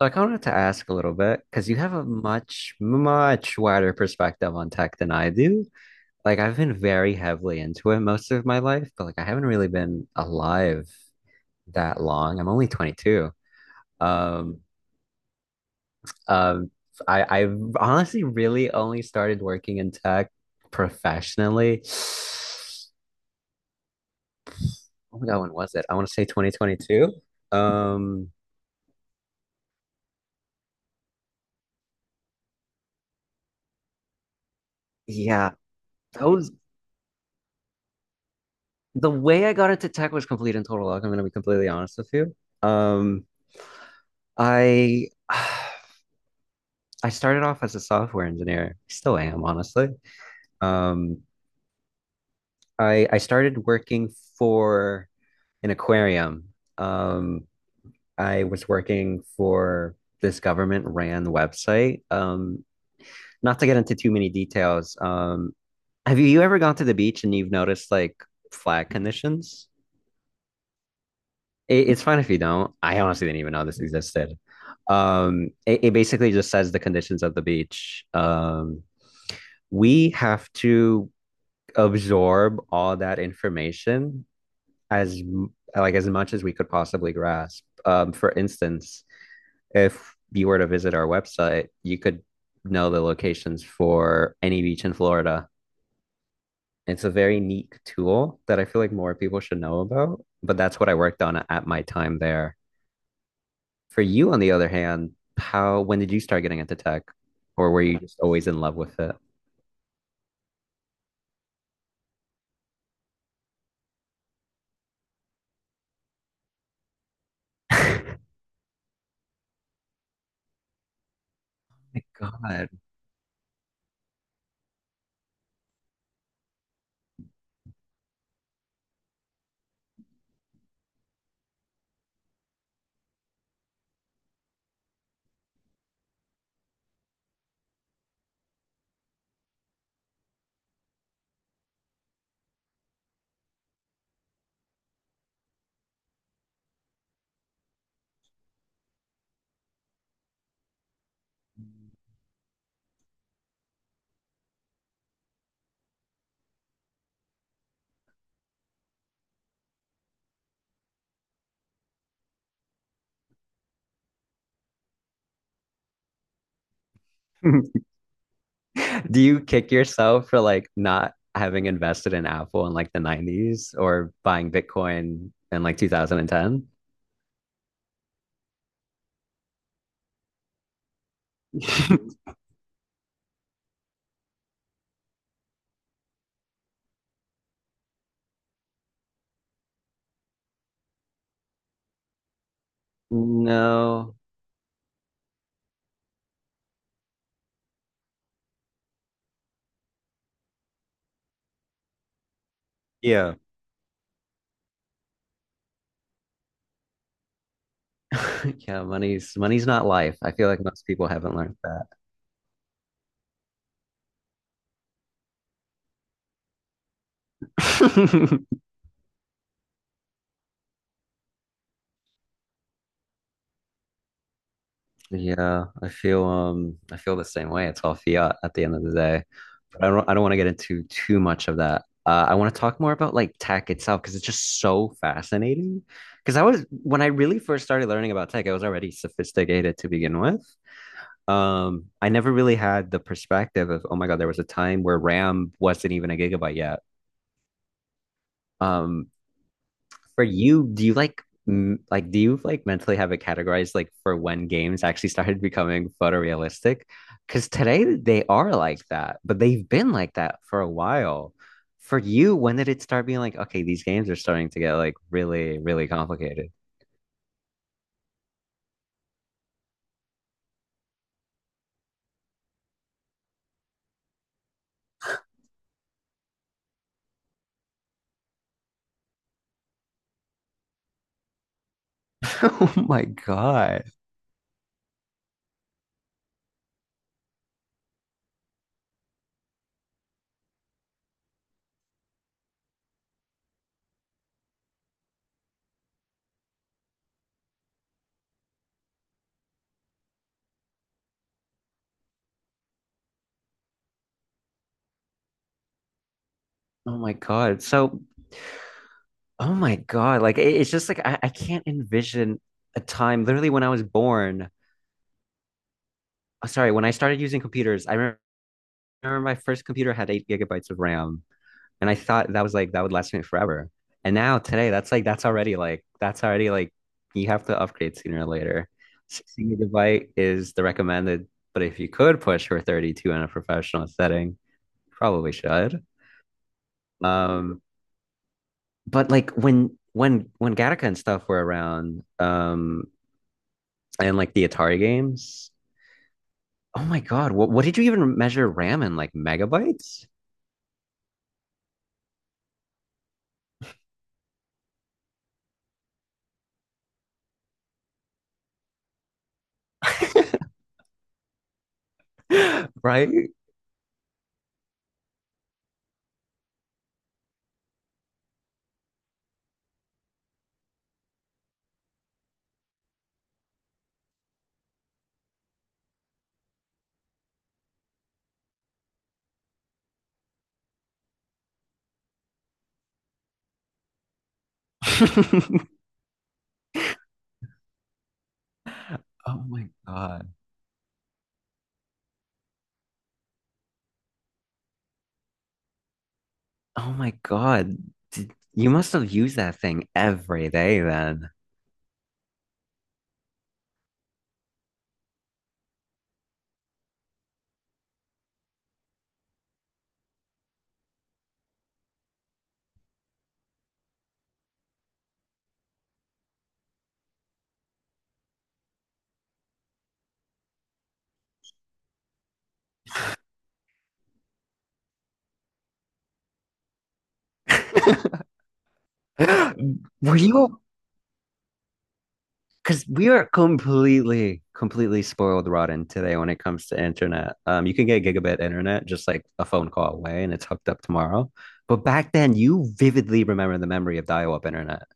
Like, I kind of wanted to ask a little bit because you have a much, much wider perspective on tech than I do. Like, I've been very heavily into it most of my life, but like, I haven't really been alive that long. I'm only 22. Um, um, I've honestly really only started working in tech professionally. Oh my God, when was it? I want to say 2022. Um, yeah, that was the way I got into tech was complete and total luck. I'm going to be completely honest with you. Um, I I started off as a software engineer. Still am, honestly. Um, I started working for an aquarium. Um, I was working for this government ran website. Not to get into too many details. Have you ever gone to the beach and you've noticed like flag conditions? It's fine if you don't. I honestly didn't even know this existed. It basically just says the conditions of the beach. We have to absorb all that information as like as much as we could possibly grasp. For instance, if you were to visit our website, you could know the locations for any beach in Florida. It's a very neat tool that I feel like more people should know about, but that's what I worked on at my time there. For you, on the other hand, how when did you start getting into tech, or were you just always in love with it? God. Do you kick yourself for like not having invested in Apple in like the 90s or buying Bitcoin in like 2010? No. Yeah. Yeah, money's money's not life. I feel like most people haven't learned that. Yeah, I feel the same way. It's all fiat at the end of the day. But I don't want to get into too much of that. I want to talk more about like tech itself because it's just so fascinating. Because I was when I really first started learning about tech, I was already sophisticated to begin with. I never really had the perspective of, oh my God, there was a time where RAM wasn't even a gigabyte yet. Um, for you, do you like like do you like mentally have it categorized like for when games actually started becoming photorealistic? Because today they are like that, but they've been like that for a while. For you, when did it start being like, okay, these games are starting to get like really, really complicated? Oh my God. Oh my God. Like, it's just like I can't envision a time literally when I was born. Sorry, when I started using computers, remember my first computer had 8 gigabytes of RAM. And I thought that was like that would last me forever. And now today, that's like that's already like that's already like you have to upgrade sooner or later. 16 gigabyte is the recommended, but if you could push for 32 in a professional setting, probably should. Um, but like when Gattaca and stuff were around, and like the Atari games, oh my God, what did you even measure RAM in like megabytes? Right? Oh my God. Oh my God. Did, you must have used that thing every day then. Were you? Because we are completely, completely spoiled rotten today when it comes to internet. You can get gigabit internet just like a phone call away and it's hooked up tomorrow. But back then, you vividly remember the memory of dial-up internet.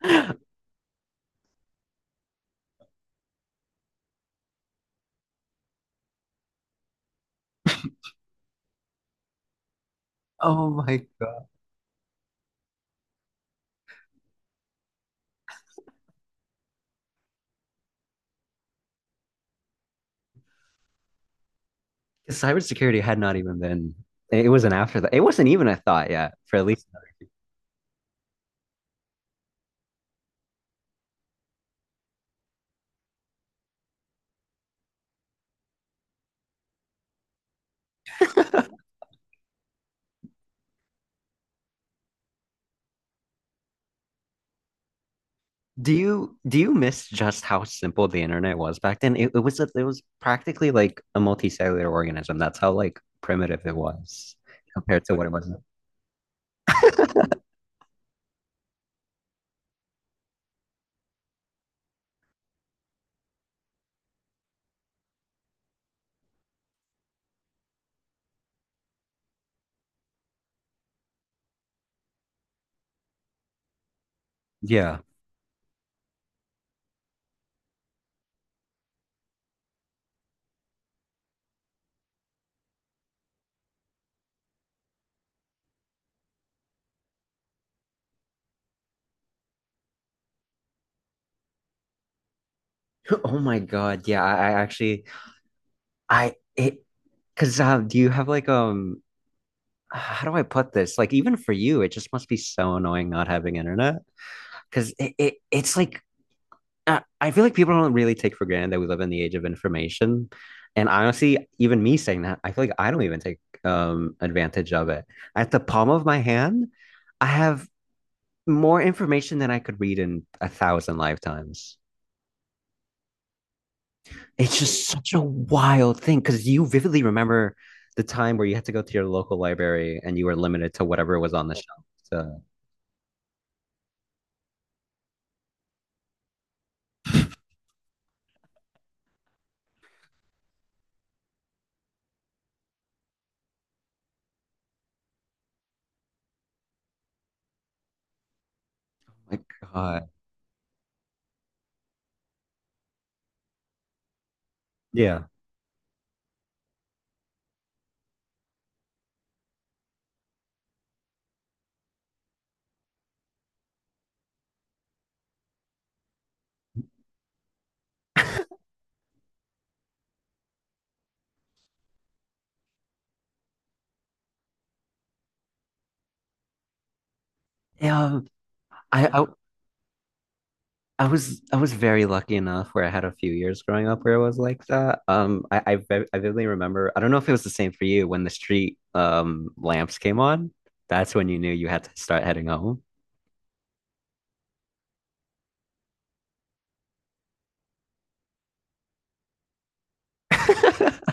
Oh my God. Cybersecurity had not even been, it wasn't after that. It wasn't even a thought yet, for at least. Do you miss just how simple the internet was back then? It was a, it was practically like a multicellular organism. That's how like primitive it was compared to what it was now. Yeah. Oh my God. Yeah. I actually I it because do you have like how do I put this? Like even for you, it just must be so annoying not having internet because it's like I feel like people don't really take for granted that we live in the age of information. And honestly, even me saying that, I feel like I don't even take advantage of it. At the palm of my hand, I have more information than I could read in a thousand lifetimes. It's just such a wild thing because you vividly remember the time where you had to go to your local library and you were limited to whatever was on the shelf. So, my God. Yeah. Yeah, I, I I was very lucky enough where I had a few years growing up where it was like that. I vividly remember. I don't know if it was the same for you when the street lamps came on. That's when you knew you had to start heading home.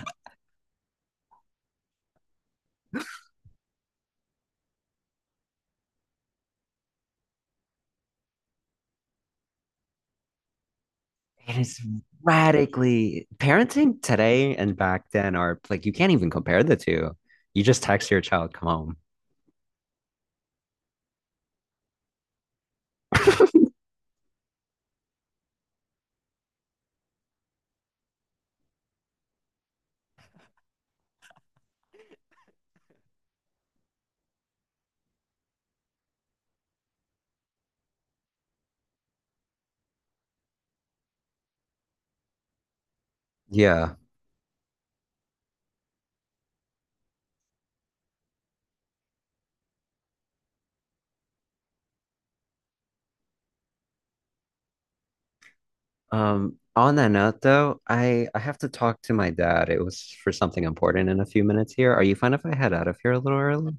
It is radically parenting today and back then are like you can't even compare the two. You just text your child, come home. Yeah. On that note though, I have to talk to my dad. It was for something important in a few minutes here. Are you fine if I head out of here a little early?